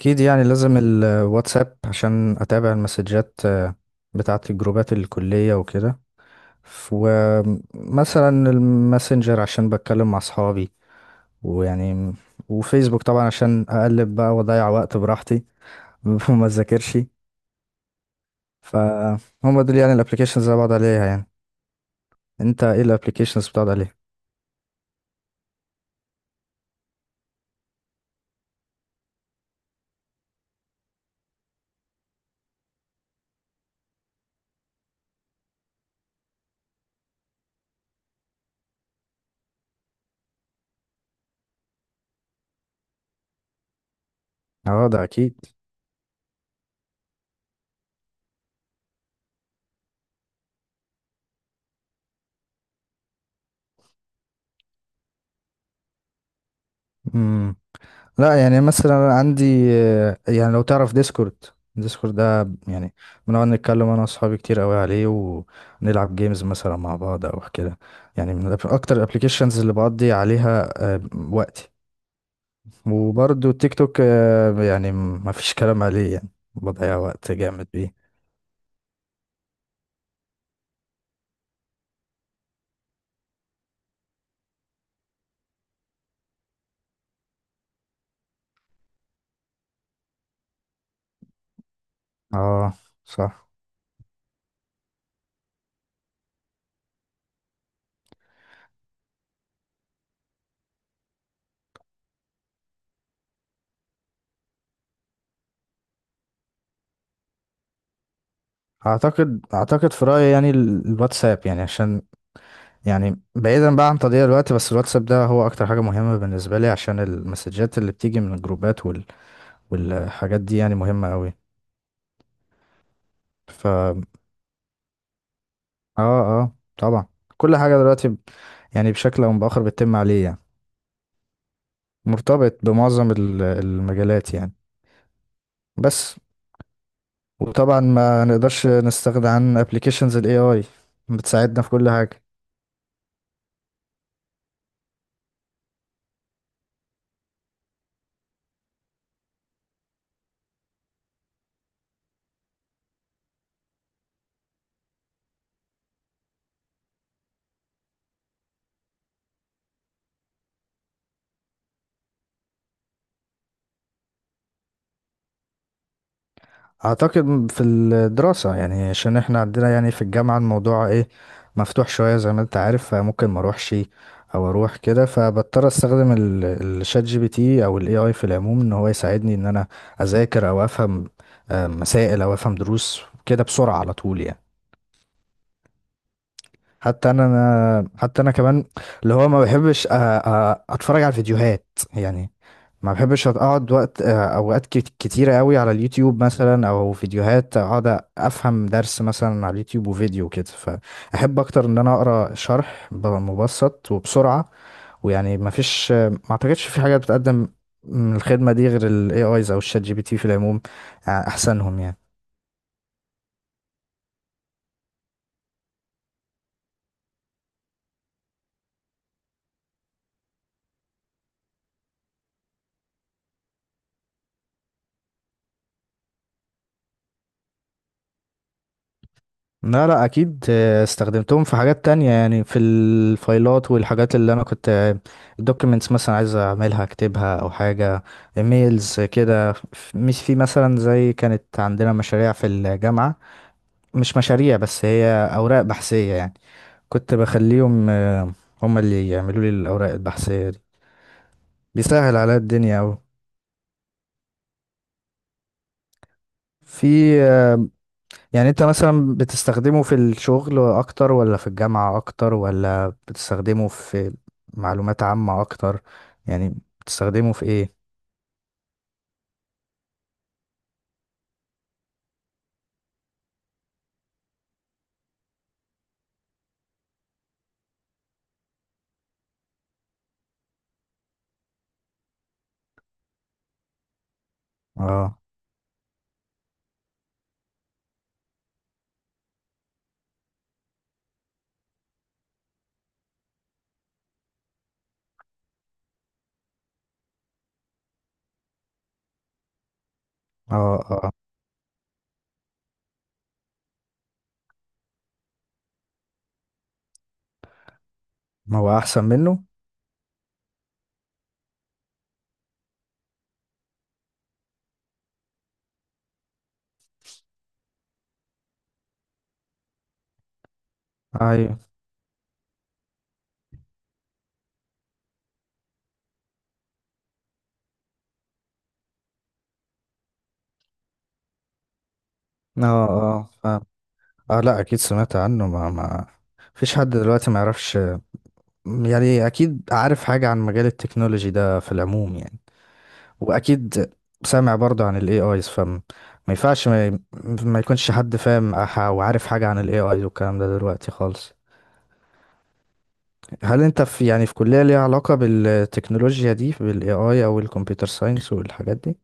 اكيد يعني لازم الواتساب عشان اتابع المسجات بتاعه الجروبات الكليه وكده. ف- ومثلا الماسنجر عشان بتكلم مع اصحابي ويعني وفيسبوك طبعا عشان اقلب بقى واضيع وقت براحتي وما اذاكرش. فهم دول يعني الابلكيشنز اللي أنا بقعد عليها يعني. انت ايه الابلكيشنز بتقعد عليها؟ اه، ده اكيد. مم. لا يعني مثلا عندي، يعني لو تعرف ديسكورد. ديسكورد ده يعني بنقعد نتكلم انا واصحابي كتير قوي عليه، ونلعب جيمز مثلا مع بعض او كده يعني. اكتر الابلكيشنز اللي بقضي عليها آه، وقتي. وبرضه تيك توك يعني ما فيش كلام عليه يعني، بضيع وقت جامد بيه. اه، صح. اعتقد في رايي يعني الواتساب، يعني عشان يعني بعيدا بقى عن تضييع الوقت، بس الواتساب ده هو اكتر حاجة مهمة بالنسبة لي عشان المسجات اللي بتيجي من الجروبات والحاجات دي يعني مهمة قوي. ف اه، اه طبعا. كل حاجة دلوقتي يعني بشكل او باخر بتتم عليه يعني، مرتبط بمعظم المجالات يعني. بس وطبعا ما نقدرش نستغنى عن ابلكيشنز الاي اي، بتساعدنا في كل حاجة. اعتقد في الدراسة يعني عشان احنا عندنا يعني في الجامعة الموضوع ايه، مفتوح شوية زي ما انت عارف، فممكن ما اروحش او اروح كده، فبضطر استخدم الشات جي بي تي او الاي اي في العموم ان هو يساعدني ان انا اذاكر او افهم مسائل او افهم دروس كده بسرعة على طول يعني. حتى انا، حتى انا كمان اللي هو ما بحبش اتفرج على الفيديوهات يعني. ما بحبش اقعد وقت اوقات كتيره قوي على اليوتيوب مثلا، او فيديوهات اقعد افهم درس مثلا على اليوتيوب وفيديو كده، فاحب اكتر ان انا اقرا شرح مبسط وبسرعه، ويعني ما فيش ما اعتقدش في حاجه بتقدم من الخدمه دي غير الاي ايز او الشات جي بي تي في العموم، احسنهم يعني. لا لا اكيد، استخدمتهم في حاجات تانية يعني، في الفايلات والحاجات اللي انا كنت، الدوكيمنتس مثلا عايز اعملها اكتبها او حاجة، ايميلز كده. مش في مثلا زي كانت عندنا مشاريع في الجامعة، مش مشاريع بس هي اوراق بحثية يعني. كنت بخليهم هم اللي يعملوا لي الاوراق البحثية دي، بيسهل عليا الدنيا اوي. في، يعني انت مثلا بتستخدمه في الشغل اكتر ولا في الجامعة اكتر، ولا بتستخدمه في معلومات عامة اكتر يعني؟ بتستخدمه في ايه؟ اه، اه، اه. ما هو احسن منه. ايوه، اه، اه فاهم. اه لا اكيد سمعت عنه، ما فيش حد دلوقتي ما يعرفش يعني، اكيد عارف حاجة عن مجال التكنولوجي ده في العموم يعني. واكيد سامع برضو عن الاي ايز، فما ينفعش ما يكونش حد فاهم وعارف حاجة عن الاي ايز والكلام ده دلوقتي خالص. هل انت في، يعني في كلية ليها علاقة بالتكنولوجيا دي، بالاي اي او الكمبيوتر ساينس والحاجات دي؟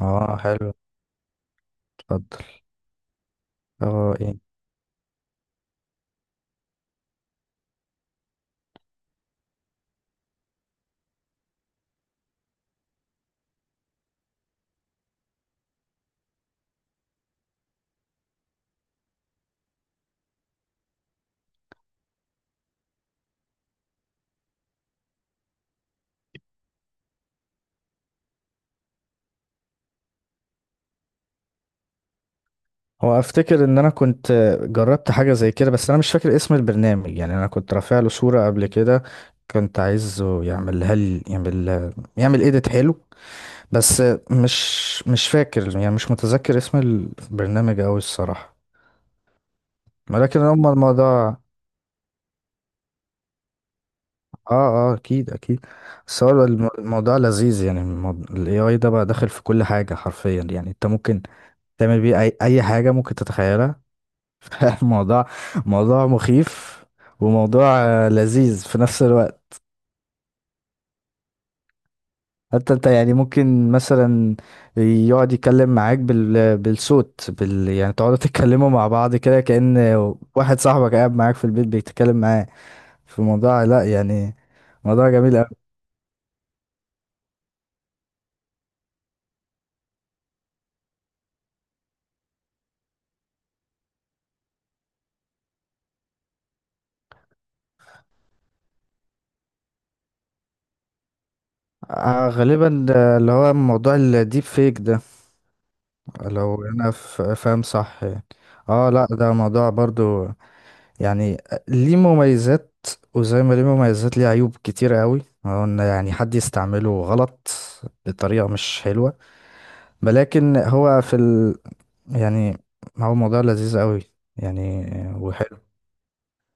اه حلو. اتفضل. اه ايه. هو افتكر ان انا كنت جربت حاجة زي كده، بس انا مش فاكر اسم البرنامج يعني. انا كنت رافع له صورة قبل كده، كنت عايزه يعملها لي، يعمل ايديت حلو، بس مش مش فاكر يعني، مش متذكر اسم البرنامج أوي الصراحة. ولكن هما الموضوع. اه اه اكيد اكيد. بس هو الموضوع لذيذ يعني. ال AI ده بقى داخل في كل حاجة حرفيا يعني، انت ممكن تعمل بيه اي اي حاجة ممكن تتخيلها. الموضوع موضوع مخيف، وموضوع لذيذ في نفس الوقت. حتى انت يعني ممكن مثلا يقعد يتكلم معاك بالصوت يعني تقعدوا تتكلموا مع بعض كده كأن واحد صاحبك قاعد معاك في البيت بيتكلم معاه، في موضوع لا يعني، موضوع جميل قوي. غالبا ده اللي هو موضوع الديب فيك ده لو انا فاهم صح يعني. اه لا ده موضوع برضو يعني، ليه مميزات، وزي ما ليه مميزات ليه عيوب كتيرة قوي، هو ان يعني حد يستعمله غلط بطريقة مش حلوة، ولكن هو في ال... يعني هو موضوع لذيذ قوي يعني، وحلو.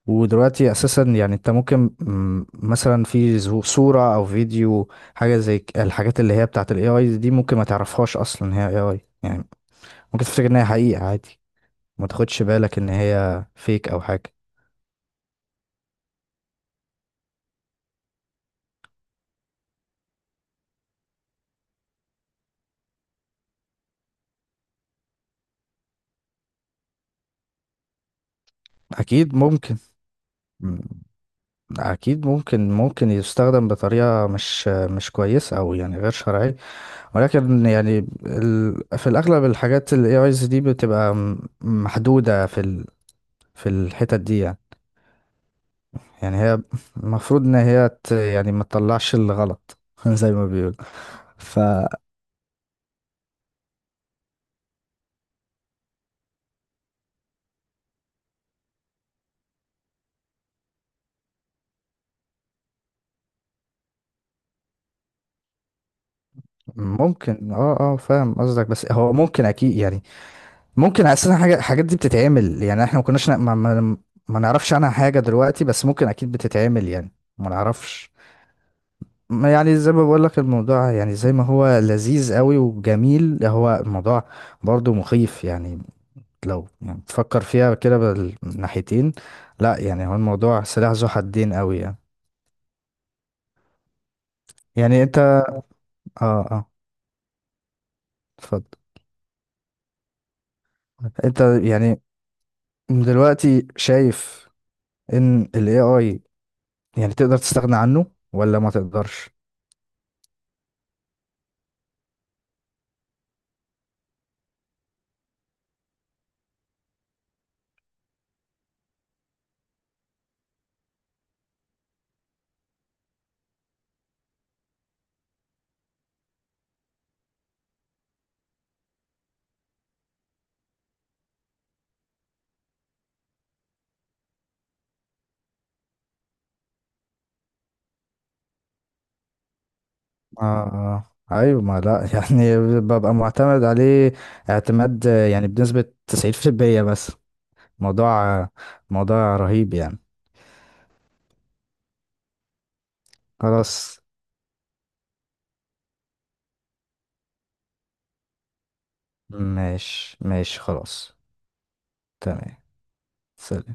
ودلوقتي اساسا يعني، انت ممكن مثلا في صورة او فيديو، حاجة زي الحاجات اللي هي بتاعت الاي اي دي، ممكن ما تعرفهاش اصلا هي اي اي يعني، ممكن تفتكر ان هي حقيقة عادي، ما تاخدش بالك ان هي فيك او حاجة. اكيد ممكن، م- اكيد ممكن، ممكن يستخدم بطريقة مش كويسة، او يعني غير شرعية. ولكن يعني ال... في الأغلب الحاجات ال AIs دي بتبقى محدودة في ال... في الحتت دي يعني. يعني هي المفروض إن هي ت... يعني ما تطلعش الغلط زي ما بيقول. فممكن اه، اه فاهم قصدك. بس هو ممكن أكيد يعني، ممكن أساسا حاجة الحاجات دي بتتعمل يعني. احنا ما كناش ما نعرفش عنها حاجة دلوقتي، بس ممكن أكيد بتتعمل يعني، ما نعرفش. ما يعني زي ما بقول لك الموضوع، يعني زي ما هو لذيذ قوي وجميل، هو الموضوع برضو مخيف يعني، لو يعني تفكر فيها كده بالناحيتين. لا يعني هو الموضوع سلاح ذو حدين قوي يعني. يعني انت، اه. اه اتفضل. انت يعني دلوقتي شايف ان ال AI يعني تقدر تستغنى عنه ولا ما تقدرش؟ اه، اه، ايوه ما لا يعني ببقى معتمد عليه اعتماد، يعني بنسبة 90%. بس موضوع موضوع رهيب يعني. خلاص. ماشي ماشي خلاص. تمام. سلام.